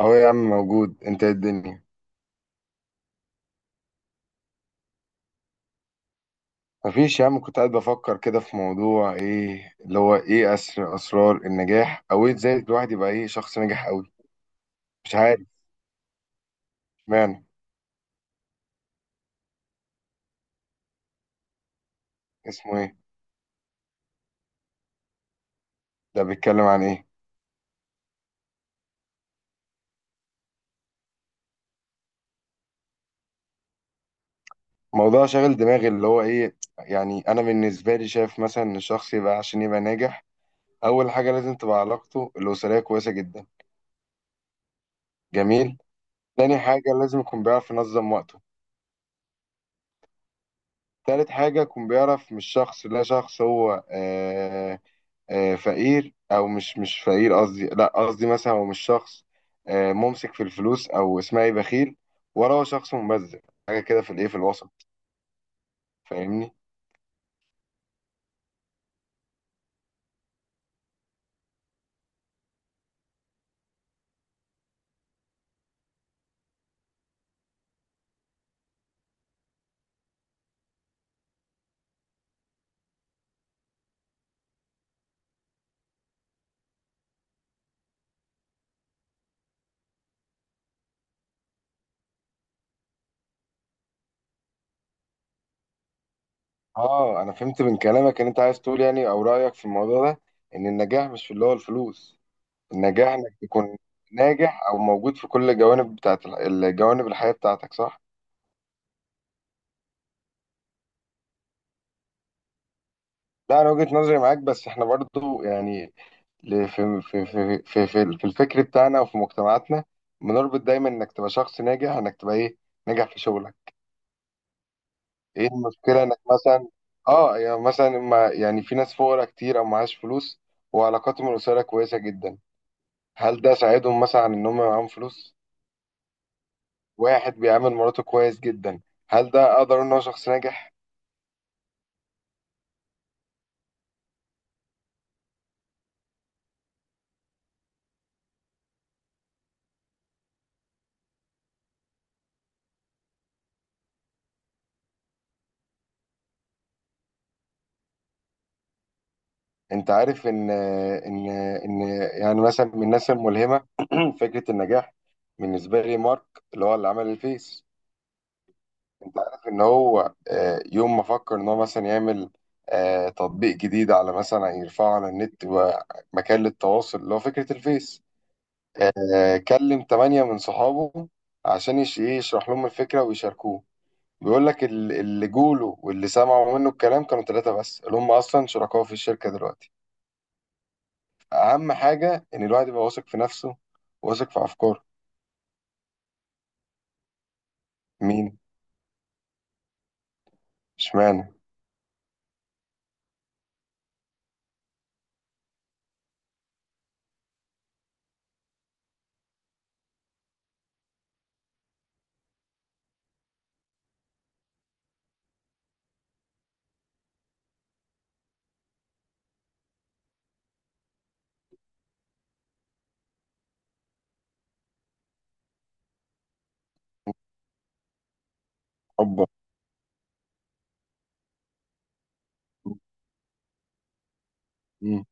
اهو يا عم، موجود. انت إيه الدنيا؟ مفيش يا عم، كنت قاعد بفكر كده في موضوع ايه اللي هو ايه اسرار النجاح، او ازاي الواحد يبقى شخص ناجح قوي. مش عارف معنى اسمه ايه. ده بيتكلم عن ايه؟ موضوع شاغل دماغي، اللي هو يعني انا بالنسبه لي شايف مثلا ان الشخص عشان يبقى ناجح، اول حاجه لازم تبقى علاقته الاسريه كويسه جدا. جميل. تاني حاجه لازم يكون بيعرف ينظم وقته. تالت حاجه يكون بيعرف، مش شخص لا شخص هو فقير، او مش فقير قصدي، لا قصدي مثلا هو مش شخص ممسك في الفلوس، او اسمها ايه، بخيل. وراه شخص مبذر. حاجه كده في الايه في الوسط. فاهمني؟ اه، انا فهمت من كلامك، ان انت عايز تقول يعني او رايك في الموضوع ده، ان النجاح مش في اللي هو الفلوس. النجاح انك تكون ناجح، او موجود في كل الجوانب، بتاعت الجوانب الحياه بتاعتك، صح؟ لا انا وجهه نظري معاك، بس احنا برضو يعني، ليه في الفكر بتاعنا وفي مجتمعاتنا بنربط دايما انك تبقى شخص ناجح، انك تبقى ايه، ناجح في شغلك؟ ايه المشكله انك مثلا، اه يعني مثلا، ما يعني في ناس فقراء كتير او معاش فلوس، وعلاقاتهم الاسريه كويسه جدا. هل ده ساعدهم مثلا عن ان هم معاهم فلوس؟ واحد بيعامل مراته كويس جدا، هل ده اقدر اقول ان هو شخص ناجح؟ انت عارف ان يعني مثلا، من الناس الملهمه، فكره النجاح بالنسبه لي، مارك، اللي هو اللي عمل الفيس. انت عارف ان هو يوم ما فكر ان هو مثلا يعمل تطبيق جديد، على مثلا يرفعه على النت، ومكان للتواصل، اللي هو فكرة الفيس، كلم 8 من صحابه عشان يش- ايه يشرح لهم الفكرة ويشاركوه. بيقول لك اللي جوله واللي سمعوا منه الكلام كانوا 3 بس، اللي هم أصلا شركاء في الشركة دلوقتي. أهم حاجة إن الواحد يبقى واثق في نفسه، واثق في أفكاره. مين؟ اشمعنى؟ حبه. مم.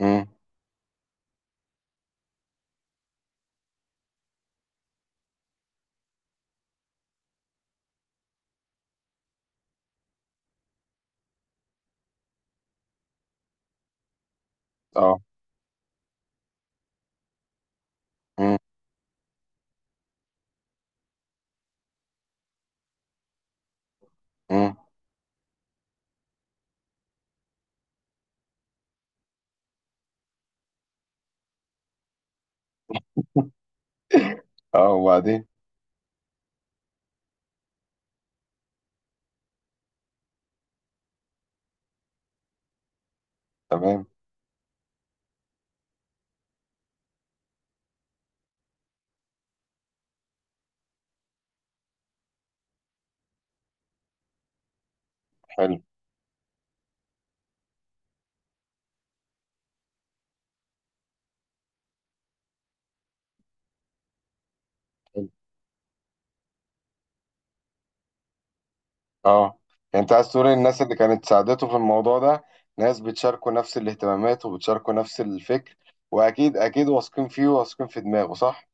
مم. اه. مم. مم. اه، وبعدين؟ تمام. حلو. حلو. اه يعني انت عايز تقول إن الناس اللي كانت ساعدته في الموضوع ده ناس بتشاركوا نفس الاهتمامات وبتشاركوا نفس الفكر، واكيد اكيد واثقين فيه وواثقين في دماغه، صح؟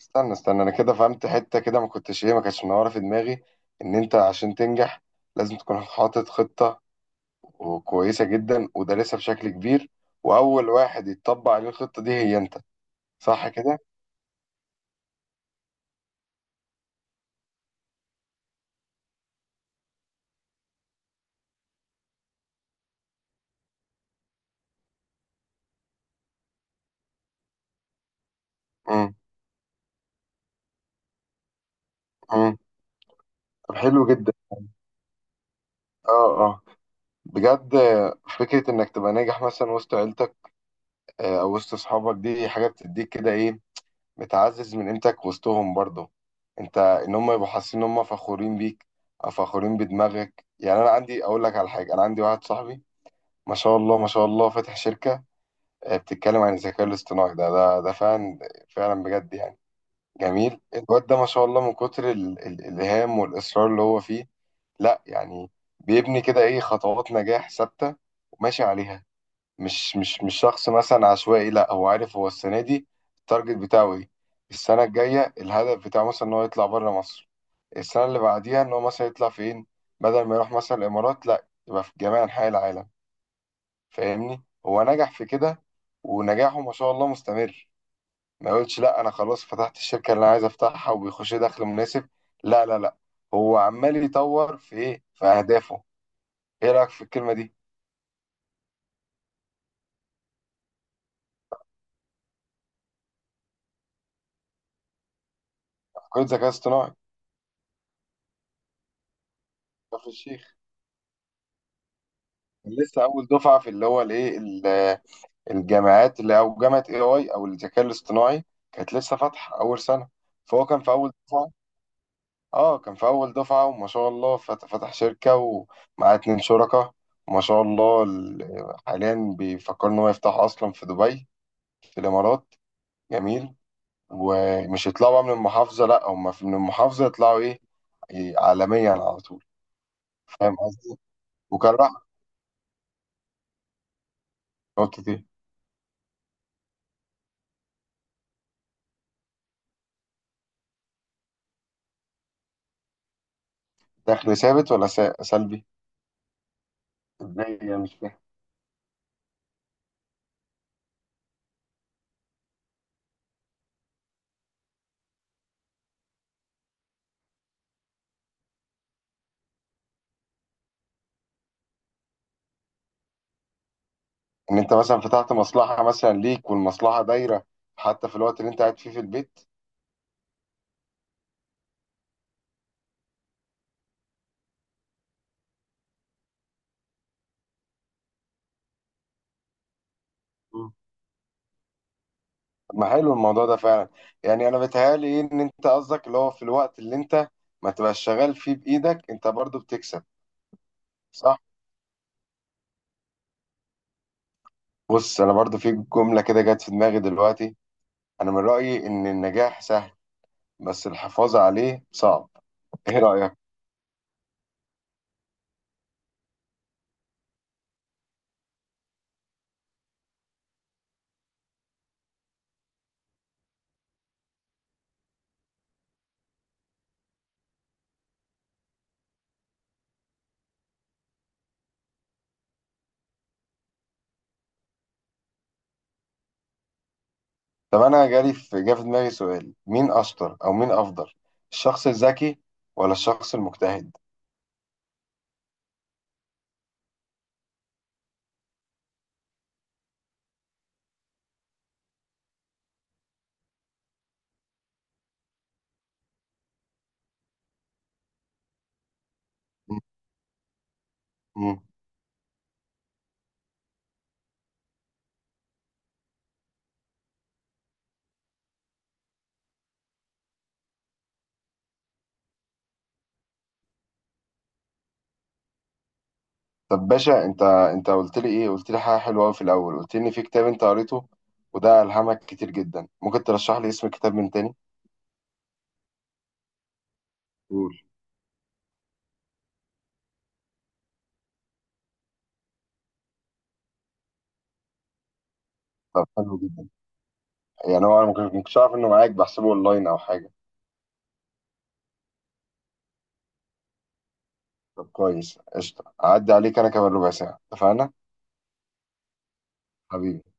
استنى استنى، انا كده فهمت حتة كده ما كنتش ايه ما كانتش منوره في دماغي، ان انت عشان تنجح لازم تكون حاطط خطة كويسة جدا ودارسها بشكل كبير، واول واحد يتطبق عليه الخطة دي هي انت. صح كده؟ امم. امم. طب حلو جدا. اه، آه. بجد. فكرة إنك تبقى ناجح مثلا وسط عيلتك، أو وسط أصحابك، دي حاجة بتديك كده إيه، بتعزز من قيمتك وسطهم برضه. أنت إن هم يبقوا حاسين إن هم فخورين بيك أو فخورين بدماغك. يعني أنا عندي أقول لك على حاجة، أنا عندي واحد صاحبي ما شاء الله ما شاء الله، فاتح شركة بتتكلم عن الذكاء الاصطناعي. ده ده ده فعلا فعلا بجد يعني. جميل الواد ده، ما شاء الله، من كتر الإلهام والإصرار اللي هو فيه. لا يعني، بيبني كده إيه، خطوات نجاح ثابتة، وماشي عليها. مش شخص مثلا عشوائي، لا، هو عارف هو السنه دي التارجت بتاعه ايه، السنه الجايه الهدف بتاعه مثلا ان هو يطلع بره مصر، السنه اللي بعديها ان هو مثلا يطلع فين، بدل ما يروح مثلا الامارات لا يبقى في جميع انحاء العالم. فاهمني؟ هو نجح في كده، ونجاحه ما شاء الله مستمر. ما يقولش لا انا خلاص فتحت الشركه اللي انا عايز افتحها وبيخش لي دخل مناسب، لا لا لا، هو عمال يطور في ايه، في اهدافه. ايه رايك في الكلمه دي؟ كل ذكاء اصطناعي. كفر الشيخ. لسه اول دفعه في اللي هو الجامعات اللي، او جامعه اي اي او الذكاء الاصطناعي، كانت لسه فاتحه اول سنه، فهو كان في اول دفعه. اه كان في اول دفعه، وما شاء الله فتح شركه ومعاه 2 شركاء، وما شاء الله حاليا بيفكر ان هو يفتح اصلا في دبي، في الامارات. جميل. ومش يطلعوا بقى من المحافظه، لا، هم من المحافظه يطلعوا ايه، إيه، عالميا على طول. فاهم قصدي؟ وكان راح. نقطة ايه؟ دخل ثابت ولا سلبي؟ ازاي يعني؟ مش فاهم. ان انت مثلا فتحت مصلحه مثلا ليك، والمصلحه دايره حتى في الوقت اللي انت قاعد فيه في البيت. مم. طب ما حلو الموضوع ده فعلا. يعني انا بيتهيألي إيه، ان انت قصدك اللي هو في الوقت اللي انت ما تبقاش شغال فيه بايدك، انت برضو بتكسب. صح. بص انا برضو في جمله كده جت في دماغي دلوقتي، انا من رايي ان النجاح سهل، بس الحفاظ عليه صعب. ايه رايك؟ طب انا جالي في دماغي سؤال. مين اشطر او مين افضل، الشخص الذكي ولا الشخص المجتهد؟ مم. طب باشا، انت انت قلت لي ايه، قلت لي حاجه حلوه قوي في الاول، قلت لي ان في كتاب انت قريته وده الهمك كتير جدا. ممكن ترشح لي اسم الكتاب من تاني؟ قول. طب حلو جدا. يعني هو انا ممكن كنتش اعرف انه معاك، بحسبه اونلاين او حاجه. طب كويس، قشطه. هعدي عليك انا كمان ربع ساعه، اتفقنا؟ حبيبي.